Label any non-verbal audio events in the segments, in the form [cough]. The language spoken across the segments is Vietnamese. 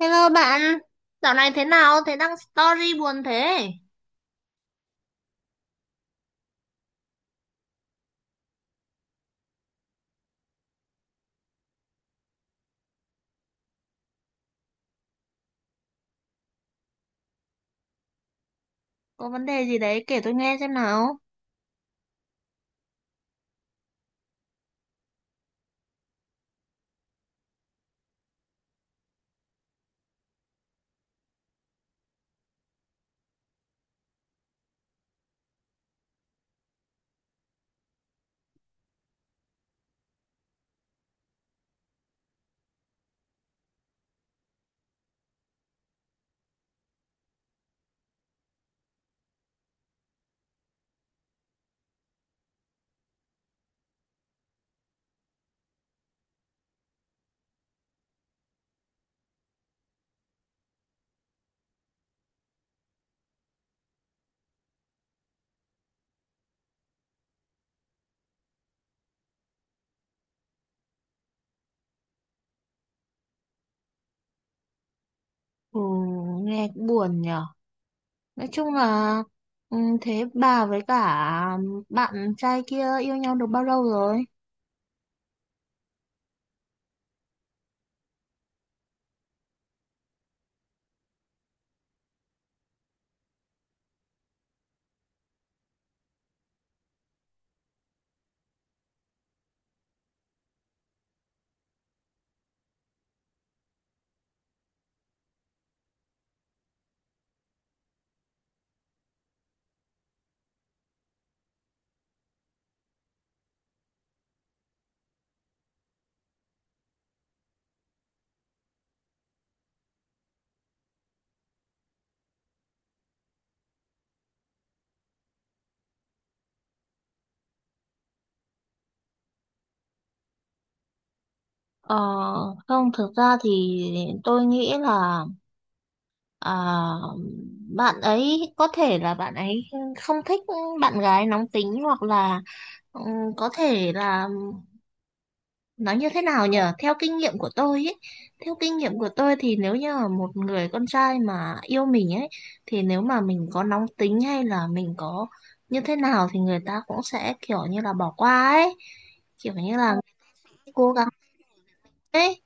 Hello bạn, dạo này thế nào? Thế đăng story buồn thế? Có vấn đề gì đấy kể tôi nghe xem nào. Ừ, nghe cũng buồn nhở. Nói chung là ừ, thế bà với cả bạn trai kia yêu nhau được bao lâu rồi? Ờ, không, thực ra thì tôi nghĩ là à, bạn ấy có thể là bạn ấy không thích bạn gái nóng tính hoặc là ừ, có thể là nói như thế nào nhở, theo kinh nghiệm của tôi ấy, theo kinh nghiệm của tôi thì nếu như là một người con trai mà yêu mình ấy thì nếu mà mình có nóng tính hay là mình có như thế nào thì người ta cũng sẽ kiểu như là bỏ qua ấy, kiểu như là cố gắng ấy.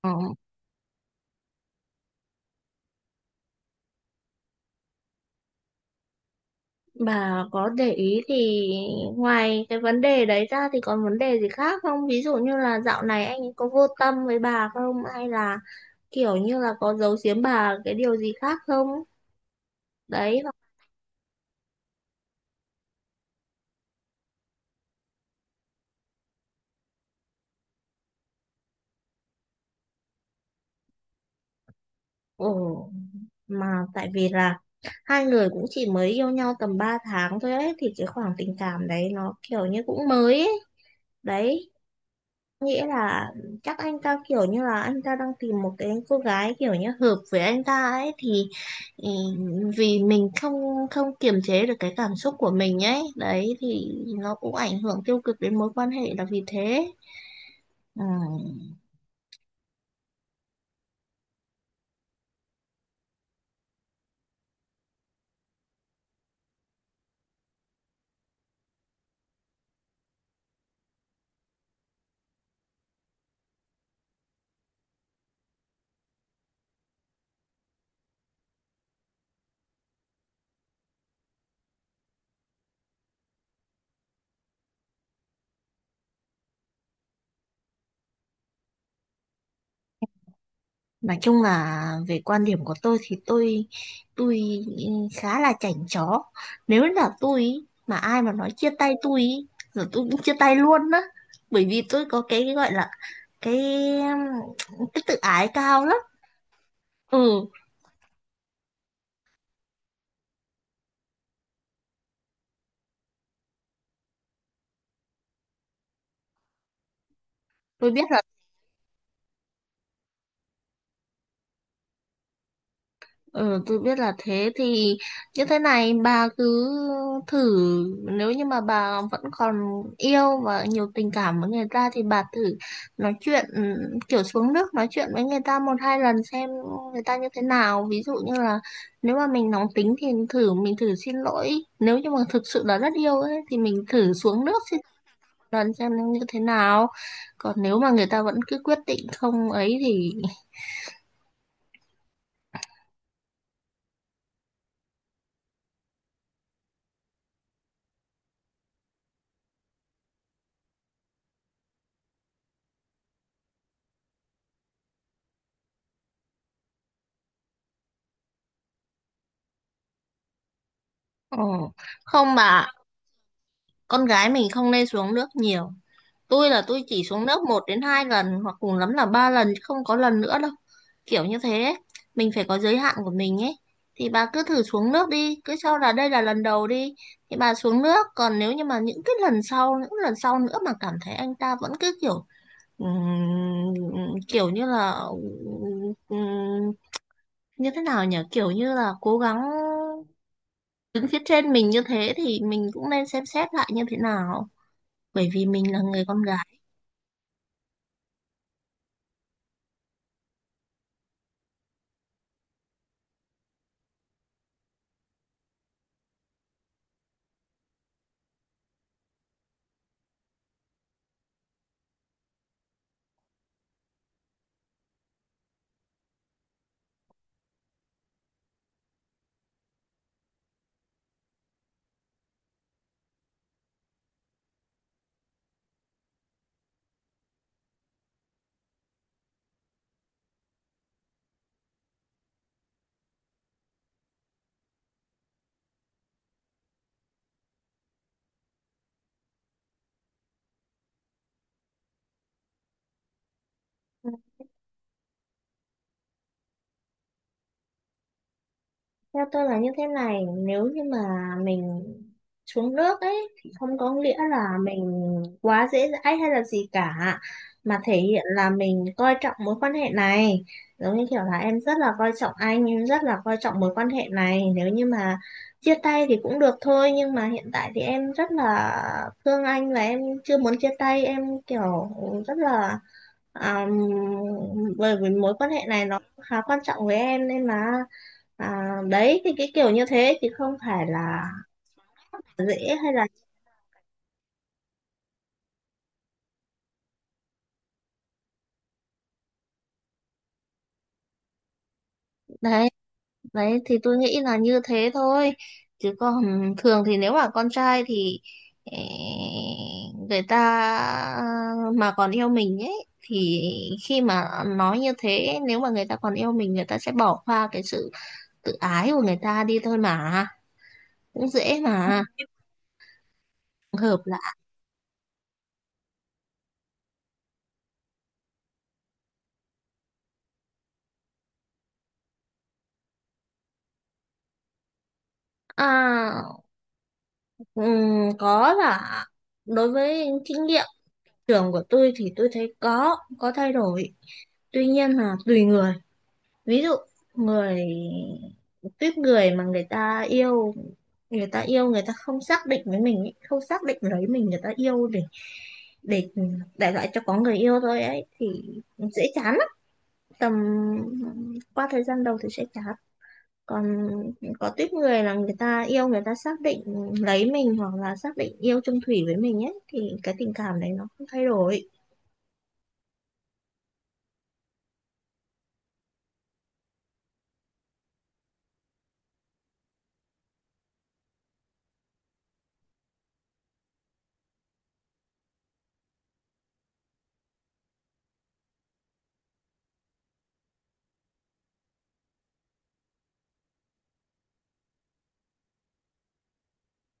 Ờ, bà có để ý thì ngoài cái vấn đề đấy ra thì còn vấn đề gì khác không, ví dụ như là dạo này anh ấy có vô tâm với bà không hay là kiểu như là có giấu giếm bà cái điều gì khác không, đấy. Ồ, mà tại vì là hai người cũng chỉ mới yêu nhau tầm 3 tháng thôi ấy, thì cái khoảng tình cảm đấy nó kiểu như cũng mới ấy. Đấy, nghĩa là chắc anh ta kiểu như là anh ta đang tìm một cái cô gái kiểu như hợp với anh ta ấy thì ừ, vì mình không không kiềm chế được cái cảm xúc của mình ấy, đấy thì nó cũng ảnh hưởng tiêu cực đến mối quan hệ là vì thế. Ừ. Nói chung là về quan điểm của tôi thì tôi khá là chảnh chó. Nếu là tôi ý, mà ai mà nói chia tay tôi ý, rồi tôi cũng chia tay luôn á. Bởi vì tôi có cái gọi là cái tự ái cao lắm. Ừ, tôi biết là Ừ, tôi biết là thế thì như thế này bà cứ thử, nếu như mà bà vẫn còn yêu và nhiều tình cảm với người ta thì bà thử nói chuyện ừ, kiểu xuống nước nói chuyện với người ta một hai lần xem người ta như thế nào, ví dụ như là nếu mà mình nóng tính thì thử mình thử xin lỗi, nếu như mà thực sự là rất yêu ấy thì mình thử xuống nước xin lỗi lần xem như thế nào, còn nếu mà người ta vẫn cứ quyết định không ấy thì ừ, không bà, con gái mình không nên xuống nước nhiều. Tôi là tôi chỉ xuống nước một đến hai lần hoặc cùng lắm là ba lần chứ không có lần nữa đâu, kiểu như thế ấy. Mình phải có giới hạn của mình ấy, thì bà cứ thử xuống nước đi, cứ cho là đây là lần đầu đi, thì bà xuống nước. Còn nếu như mà những cái lần sau những lần sau nữa mà cảm thấy anh ta vẫn cứ kiểu kiểu như là ừm, như thế nào nhỉ, kiểu như là cố gắng đứng phía trên mình như thế thì mình cũng nên xem xét lại như thế nào, bởi vì mình là người con gái. Theo tôi là như thế này, nếu như mà mình xuống nước ấy thì không có nghĩa là mình quá dễ dãi hay là gì cả, mà thể hiện là mình coi trọng mối quan hệ này. Giống như kiểu là em rất là coi trọng anh, em rất là coi trọng mối quan hệ này. Nếu như mà chia tay thì cũng được thôi, nhưng mà hiện tại thì em rất là thương anh và em chưa muốn chia tay, em kiểu rất là À, bởi vì mối quan hệ này nó khá quan trọng với em nên là đấy thì cái kiểu như thế thì không phải là dễ hay là đấy, đấy thì tôi nghĩ là như thế thôi, chứ còn thường thì nếu mà con trai thì ê, người ta mà còn yêu mình ấy thì khi mà nói như thế nếu mà người ta còn yêu mình người ta sẽ bỏ qua cái sự tự ái của người ta đi thôi mà, cũng dễ mà [laughs] hợp là à có là đối với kinh nghiệm trường của tôi thì tôi thấy có thay đổi, tuy nhiên là tùy người, ví dụ người tuyết người mà người ta yêu người ta yêu người ta không xác định với mình ấy, không xác định lấy mình, người ta yêu để để lại cho có người yêu thôi ấy thì dễ chán lắm, tầm qua thời gian đầu thì sẽ chán, còn có tuyết người là người ta yêu người ta xác định lấy mình hoặc là xác định yêu chung thủy với mình ấy thì cái tình cảm đấy nó không thay đổi.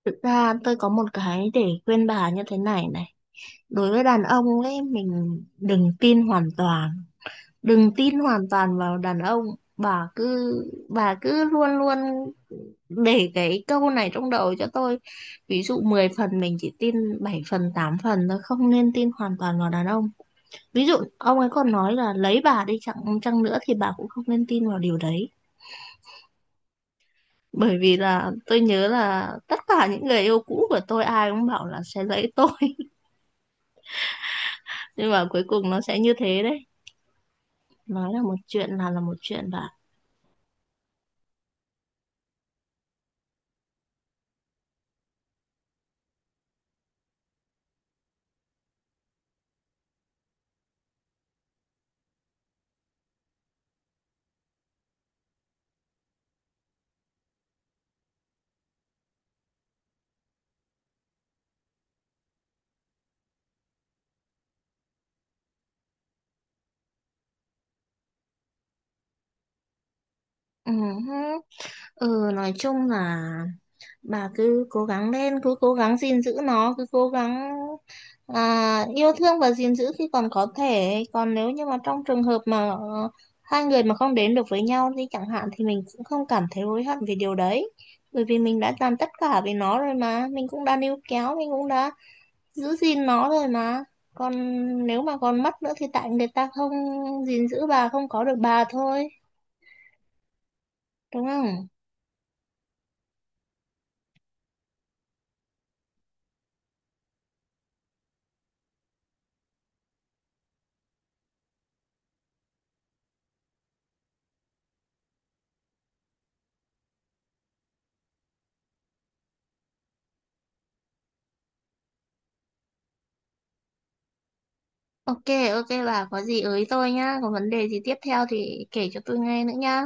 Thực ra tôi có một cái để khuyên bà như thế này này. Đối với đàn ông ấy, mình đừng tin hoàn toàn. Đừng tin hoàn toàn vào đàn ông. Bà cứ, bà cứ luôn luôn để cái câu này trong đầu cho tôi. Ví dụ 10 phần mình chỉ tin 7 phần, 8 phần thôi. Không nên tin hoàn toàn vào đàn ông. Ví dụ ông ấy còn nói là lấy bà đi chăng, chăng nữa thì bà cũng không nên tin vào điều đấy. Bởi vì là tôi nhớ là tất cả những người yêu cũ của tôi ai cũng bảo là sẽ lấy tôi, nhưng mà cuối cùng nó sẽ như thế đấy, nói là một chuyện là một chuyện bạn. Ừ, hứ. Ừ nói chung là bà cứ cố gắng lên, cứ cố gắng gìn giữ nó, cứ cố gắng à, yêu thương và gìn giữ khi còn có thể, còn nếu như mà trong trường hợp mà ờ, hai người mà không đến được với nhau thì chẳng hạn thì mình cũng không cảm thấy hối hận về điều đấy, bởi vì mình đã làm tất cả vì nó rồi mà, mình cũng đã níu kéo, mình cũng đã giữ gìn nó rồi mà, còn nếu mà còn mất nữa thì tại người ta không gìn giữ bà, không có được bà thôi, đúng không? Ok, ok bà có gì ới tôi nhá, có vấn đề gì tiếp theo thì kể cho tôi nghe nữa nhá.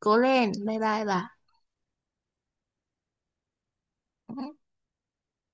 Cố lên, bye bye bà.